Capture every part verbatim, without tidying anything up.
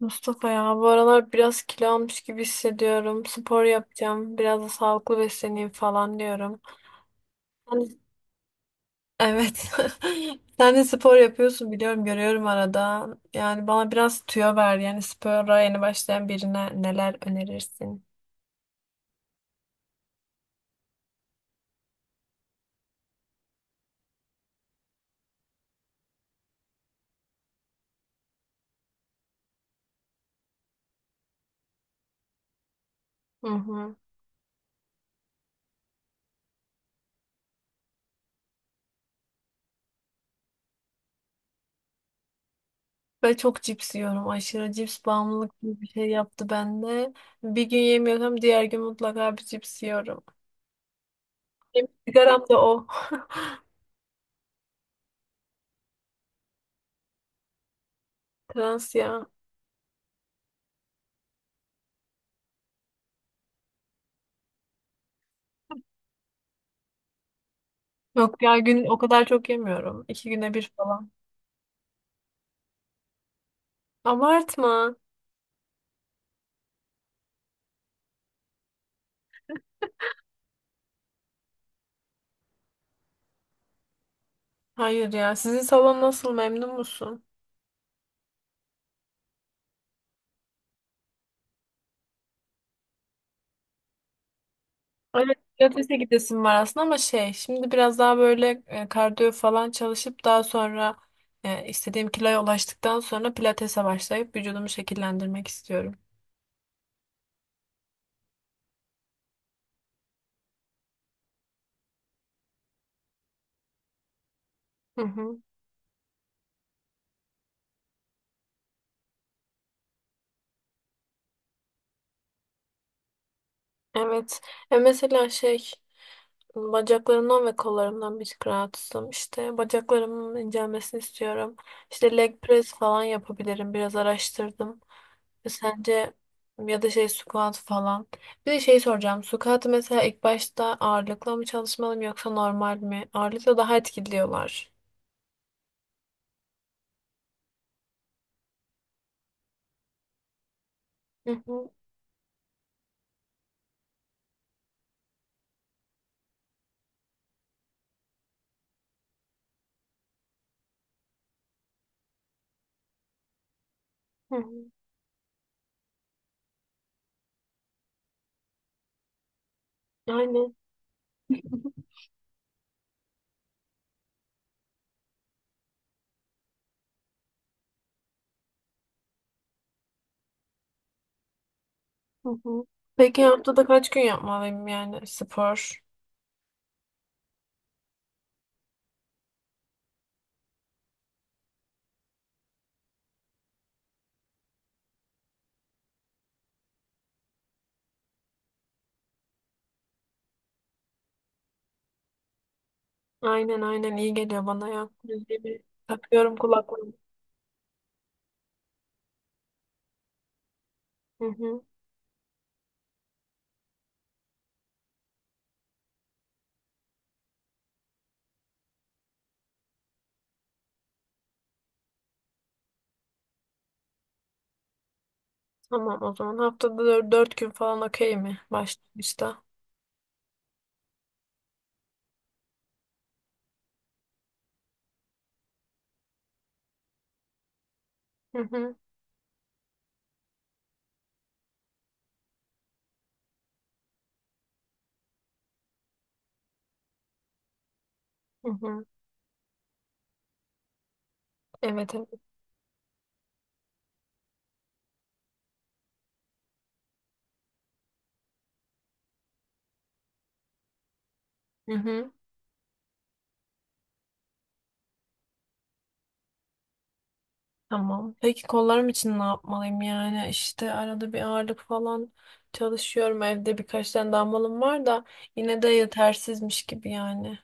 Mustafa ya bu aralar biraz kilo almış gibi hissediyorum. Spor yapacağım. Biraz da sağlıklı besleneyim falan diyorum. Sen- Evet. Sen de spor yapıyorsun biliyorum görüyorum arada. Yani bana biraz tüyo ver. Yani spora yeni başlayan birine neler önerirsin? Hı hı. Ve çok cips yiyorum. Aşırı cips bağımlılık gibi bir şey yaptı bende. Bir gün yemiyorsam diğer gün mutlaka bir cips yiyorum. Benim sigaram da o. Trans ya. Yok ya gün o kadar çok yemiyorum. İki güne bir falan. Abartma. Hayır ya. Sizin salon nasıl? Memnun musun? Evet, pilatese gidesim var aslında ama şey, şimdi biraz daha böyle e, kardiyo falan çalışıp daha sonra e, istediğim kiloya ulaştıktan sonra pilatese başlayıp vücudumu şekillendirmek istiyorum. Hı hı. Evet. E mesela şey bacaklarımdan ve kollarımdan bir tık rahatsızım. İşte bacaklarımın incelmesini istiyorum. İşte leg press falan yapabilirim. Biraz araştırdım. E sence ya da şey squat falan. Bir de şey soracağım. Squat mesela ilk başta ağırlıkla mı çalışmalıyım yoksa normal mi? Ağırlıkla daha etkili diyorlar. Hı hı, hı hı. Aynen. Hı hı. Peki haftada kaç gün yapmalıyım yani spor? Aynen aynen iyi geliyor bana ya. Müziğimi takıyorum kulaklığımı. Hı hı. Tamam, o zaman haftada dör- dört gün falan okey mi başlangıçta? Hı hı. Hı hı. Evet evet. Hı hı. Tamam. Peki kollarım için ne yapmalıyım yani? İşte arada bir ağırlık falan çalışıyorum. Evde birkaç tane dumbbellım var da yine de yetersizmiş gibi yani.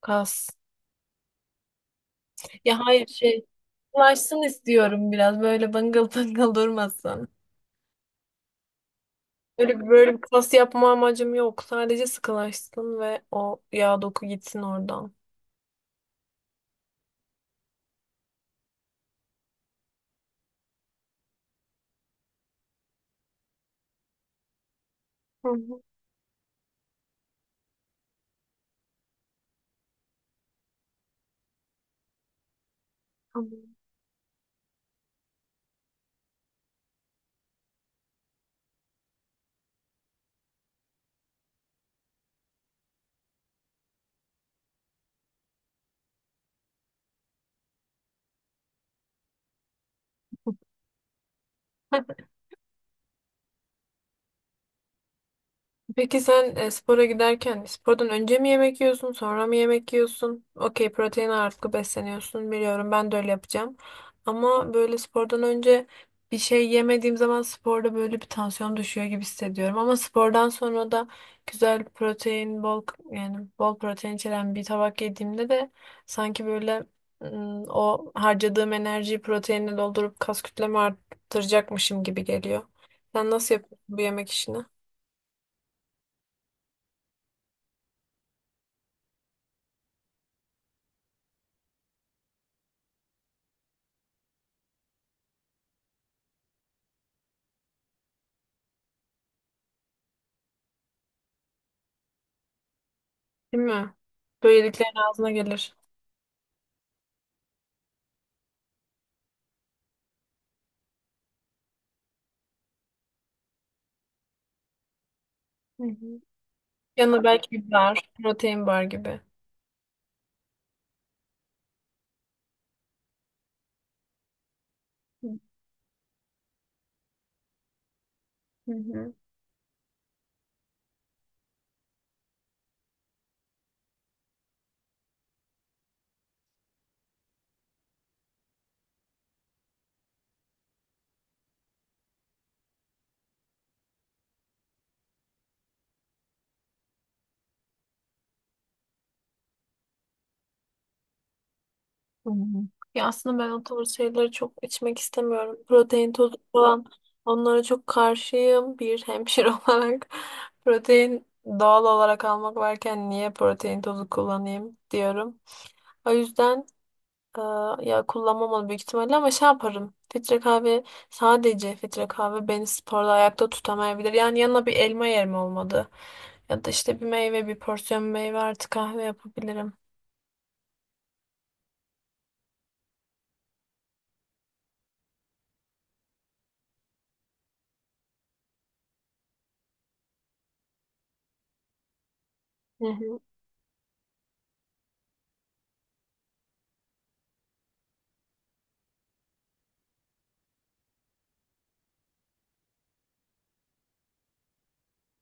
Kas. Ya hayır şey. Ulaşsın istiyorum biraz böyle bıngıl bıngıl durmasın. Öyle bir- böyle bir kas yapma amacım yok. Sadece sıkılaşsın ve o yağ doku gitsin oradan. Hı hı, tamam. Peki sen e, spora giderken spordan önce mi yemek yiyorsun, sonra mı yemek yiyorsun? Okey, protein ağırlıklı besleniyorsun biliyorum. Ben de öyle yapacağım. Ama böyle spordan önce bir şey yemediğim zaman sporda böyle bir tansiyon düşüyor gibi hissediyorum. Ama spordan sonra da güzel protein, bol yani bol protein içeren bir tabak yediğimde de sanki böyle ım, o harcadığım enerjiyi proteinle doldurup kas kütlemi arttıracakmışım gibi geliyor. Sen nasıl yapıyorsun bu yemek işini? Değil mi? Böyleliklerin ağzına gelir. Hı hı. Yanına belki bir bar, protein bar gibi. Hı hı. Hı. Hı hı. Ya aslında ben o tarz şeyleri çok içmek istemiyorum. Protein tozu falan, onlara çok karşıyım. Bir hemşire olarak protein doğal olarak almak varken niye protein tozu kullanayım diyorum. O yüzden, aa, ya kullanmamalı büyük ihtimalle ama şey yaparım. Filtre kahve, sadece filtre kahve beni sporda ayakta tutamayabilir. Yani yanına bir elma yerim olmadı. Ya da işte bir meyve, bir porsiyon meyve artı kahve yapabilirim. Hı hı.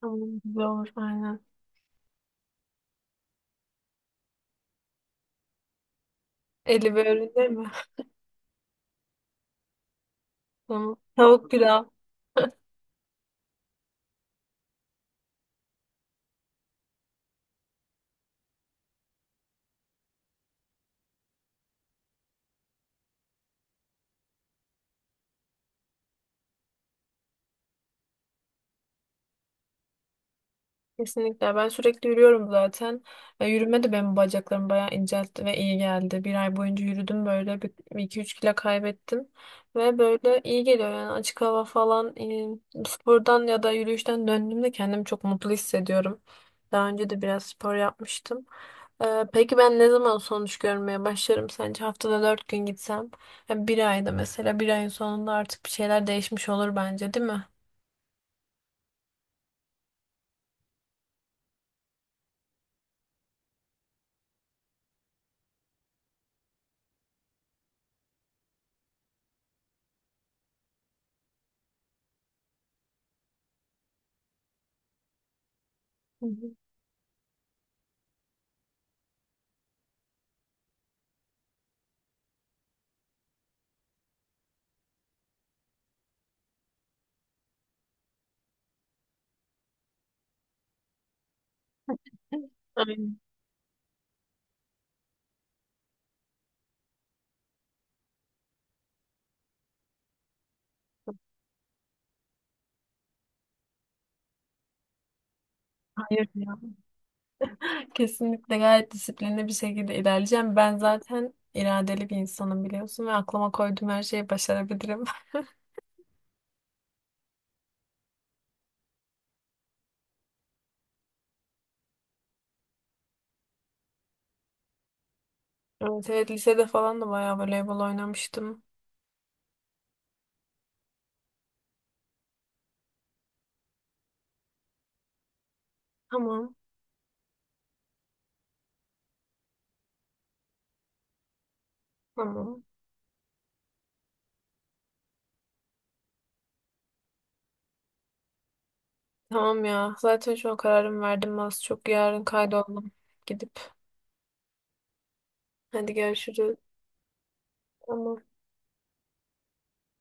Tamam, güzel olur aynen. Eli böyle değil mi? Tamam. Tavuk pilav. Kesinlikle. Ben sürekli yürüyorum zaten. E, yürüme de benim bacaklarımı bayağı inceltti ve iyi geldi. Bir ay boyunca yürüdüm böyle. Bir, bir iki üç kilo kaybettim. Ve böyle iyi geliyor yani, açık hava falan. e, spordan ya da yürüyüşten döndüğümde kendimi çok mutlu hissediyorum. Daha önce de biraz spor yapmıştım. E, peki ben ne zaman sonuç görmeye başlarım sence? Haftada dört gün gitsem. Yani bir ayda, mesela bir ayın sonunda artık bir şeyler değişmiş olur bence, değil mi? Hı hı. Aynen. Hayır ya. Kesinlikle gayet disiplinli bir şekilde ilerleyeceğim. Ben zaten iradeli bir insanım biliyorsun ve aklıma koyduğum her şeyi başarabilirim. Evet, evet lisede falan da bayağı voleybol oynamıştım. Tamam, tamam. Tamam ya. Zaten şu an kararımı verdim az çok. Yarın kaydoldum gidip. Hadi görüşürüz. Tamam.